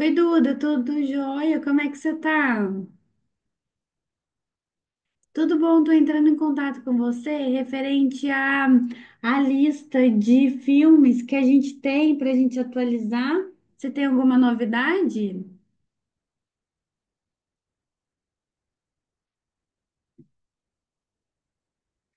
Oi, Duda, tudo jóia? Como é que você tá? Tudo bom? Tô entrando em contato com você referente à lista de filmes que a gente tem para a gente atualizar. Você tem alguma novidade?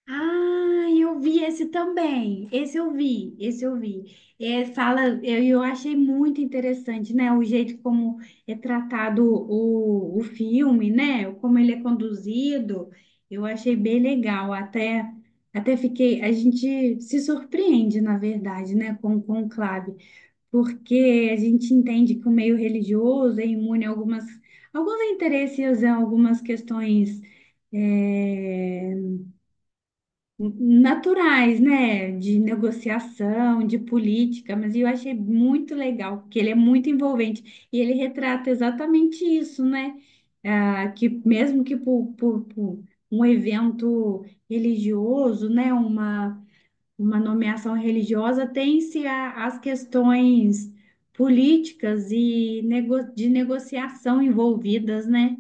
Ah, eu vi esse também. Esse eu vi, esse eu vi. É, fala, eu achei muito interessante, né? O jeito como é tratado o filme, né? Como ele é conduzido, eu achei bem legal. Até, até fiquei, a gente se surpreende, na verdade, né? Com o Conclave, porque a gente entende que o meio religioso é imune a algumas, alguns interesses, a algumas questões. é, Naturais, né? De negociação, de política, mas eu achei muito legal, porque ele é muito envolvente e ele retrata exatamente isso, né? Ah, que mesmo que por um evento religioso, né? Uma nomeação religiosa, as questões políticas e de negociação envolvidas, né?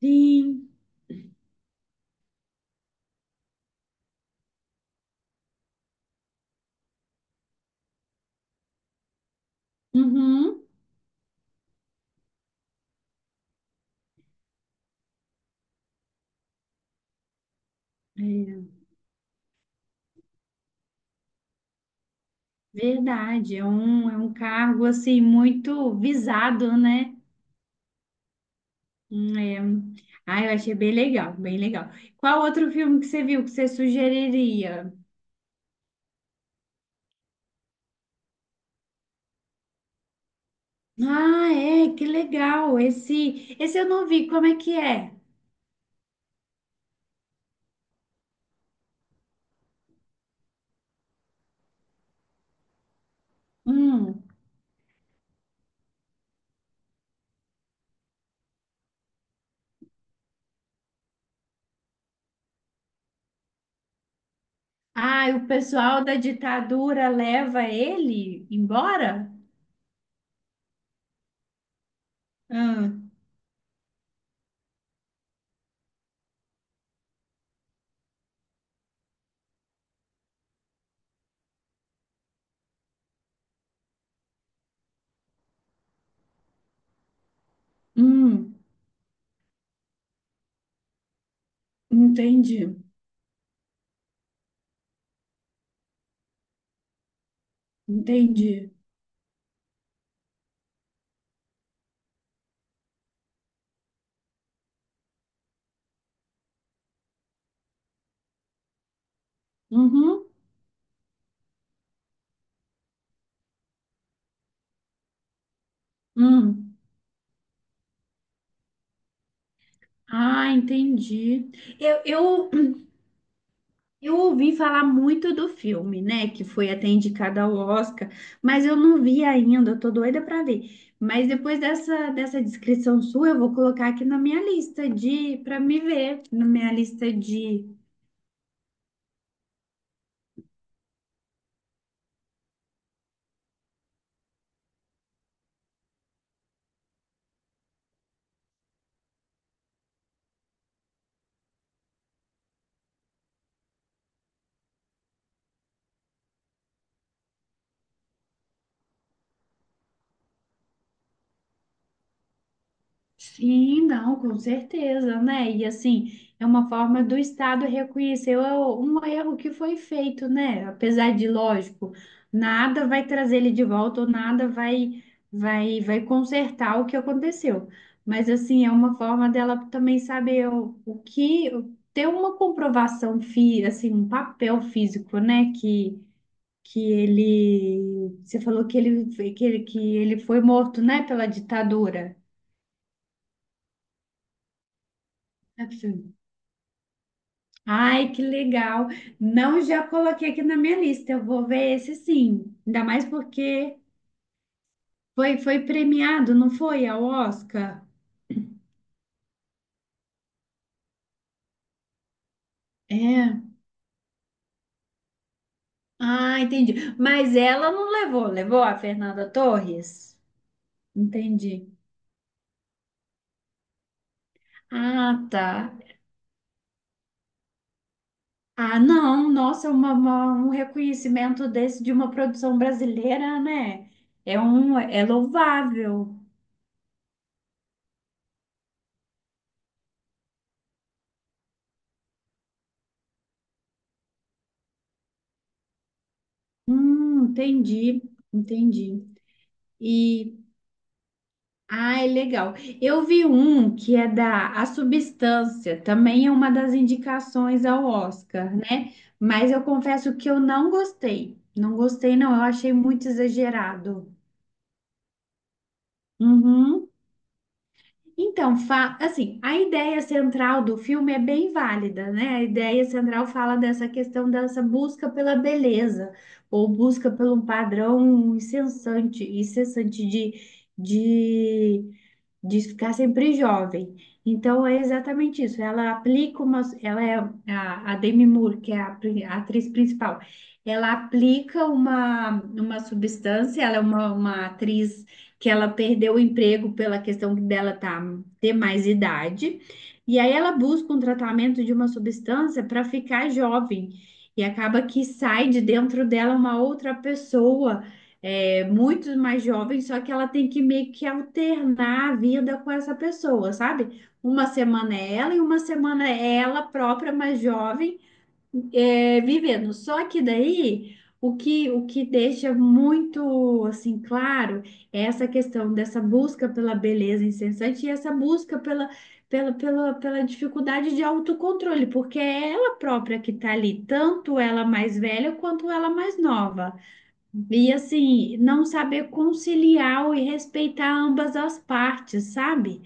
Sim. Uhum. É. Verdade, é um cargo assim muito visado, né? É. Ah, eu achei bem legal, bem legal. Qual outro filme que você viu que você sugeriria? Ah, é, que legal. Esse eu não vi, como é que é? Hum. Ah, e o pessoal da ditadura leva ele embora? Ah, hum, entendi, entendi. Uhum, hum. Ah, entendi. Eu, eu ouvi falar muito do filme, né? Que foi até indicado ao Oscar, mas eu não vi ainda, eu tô doida para ver. Mas depois dessa descrição sua, eu vou colocar aqui na minha lista de para me ver, na minha lista de sim, não, com certeza, né? E assim, é uma forma do Estado reconhecer um erro que foi feito, né? Apesar de, lógico, nada vai trazer ele de volta ou nada vai, vai consertar o que aconteceu. Mas assim, é uma forma dela também saber o que ter uma comprovação, assim, um papel físico, né? Que ele, você falou que ele, que ele, que ele foi morto, né? Pela ditadura. Ai, que legal. Não já coloquei aqui na minha lista. Eu vou ver esse sim. Ainda mais porque foi, foi premiado, não foi ao Oscar? É. Ah, entendi. Mas ela não levou, levou a Fernanda Torres? Entendi. Ah, tá. Ah, não, nossa, é um reconhecimento desse de uma produção brasileira, né? É um, é louvável. Entendi, entendi. Ah, é legal. Eu vi um que é da A Substância, também é uma das indicações ao Oscar, né? Mas eu confesso que eu não gostei. Não gostei, não. Eu achei muito exagerado. Uhum. Então, assim, a ideia central do filme é bem válida, né? A ideia central fala dessa questão dessa busca pela beleza, ou busca pelo padrão incessante, incessante de, de de ficar sempre jovem. Então é exatamente isso. Ela aplica uma, ela é a Demi Moore, que é a, a atriz principal. Ela aplica uma substância, ela é uma atriz que ela perdeu o emprego pela questão dela tá, ter mais idade. E aí ela busca um tratamento de uma substância para ficar jovem. E acaba que sai de dentro dela uma outra pessoa muito mais jovem, só que ela tem que meio que alternar a vida com essa pessoa, sabe? Uma semana é ela e uma semana é ela própria, mais jovem, é, vivendo. Só que daí o que deixa muito assim claro é essa questão dessa busca pela beleza incessante e essa busca pela dificuldade de autocontrole, porque é ela própria que está ali, tanto ela mais velha quanto ela mais nova. E assim, não saber conciliar e respeitar ambas as partes, sabe?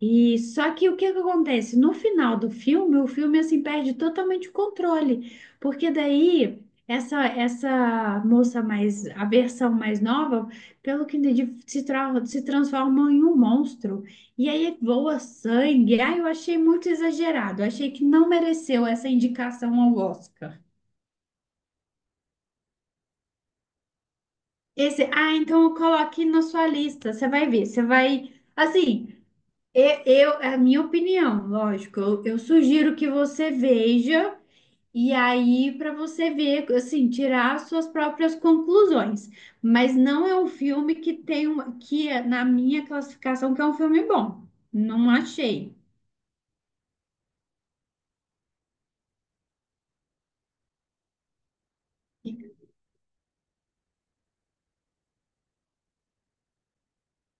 E só que o que que acontece? No final do filme, o filme assim perde totalmente o controle, porque daí essa moça mais a versão mais nova, pelo que entendi, se, se transforma em um monstro. E aí voa sangue. Ah, eu achei muito exagerado. Achei que não mereceu essa indicação ao Oscar. Esse, ah, então coloque na sua lista, você vai ver, você vai, assim, é a minha opinião, lógico, eu sugiro que você veja e aí para você ver, assim, tirar as suas próprias conclusões, mas não é um filme que tem uma, que é, na minha classificação que é um filme bom, não achei.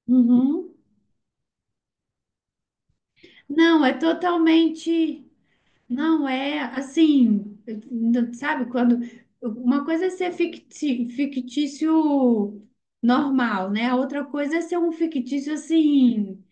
Uhum. Não, é totalmente não é assim, sabe, quando uma coisa é ser fictício normal, né? A outra coisa é ser um fictício assim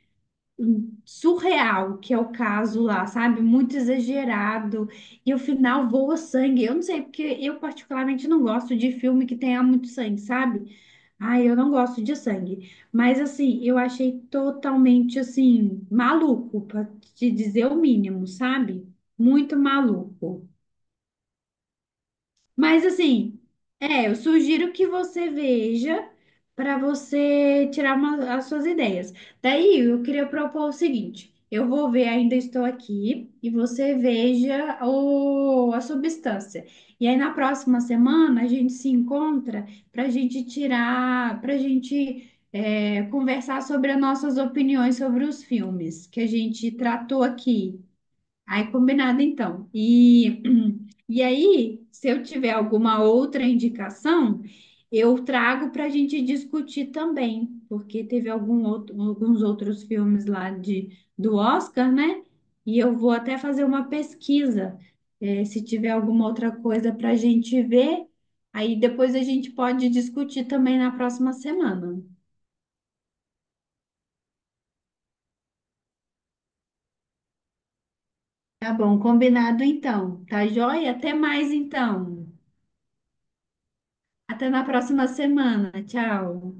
surreal, que é o caso lá, sabe? Muito exagerado e o final voa sangue. Eu não sei porque eu particularmente não gosto de filme que tenha muito sangue, sabe? Ai, eu não gosto de sangue, mas assim, eu achei totalmente assim maluco, pra te dizer o mínimo, sabe? Muito maluco. Mas assim, é, eu sugiro que você veja para você tirar as suas ideias. Daí eu queria propor o seguinte: eu vou ver Ainda Estou Aqui e você veja a substância. E aí na próxima semana a gente se encontra para a gente tirar, para a gente é, conversar sobre as nossas opiniões sobre os filmes que a gente tratou aqui. Aí combinado então. E aí, se eu tiver alguma outra indicação, eu trago para a gente discutir também, porque teve alguns outros filmes lá de, do Oscar, né? E eu vou até fazer uma pesquisa, se tiver alguma outra coisa para a gente ver, aí depois a gente pode discutir também na próxima semana. Tá bom, combinado então. Tá joia? Até mais então. Até na próxima semana. Tchau.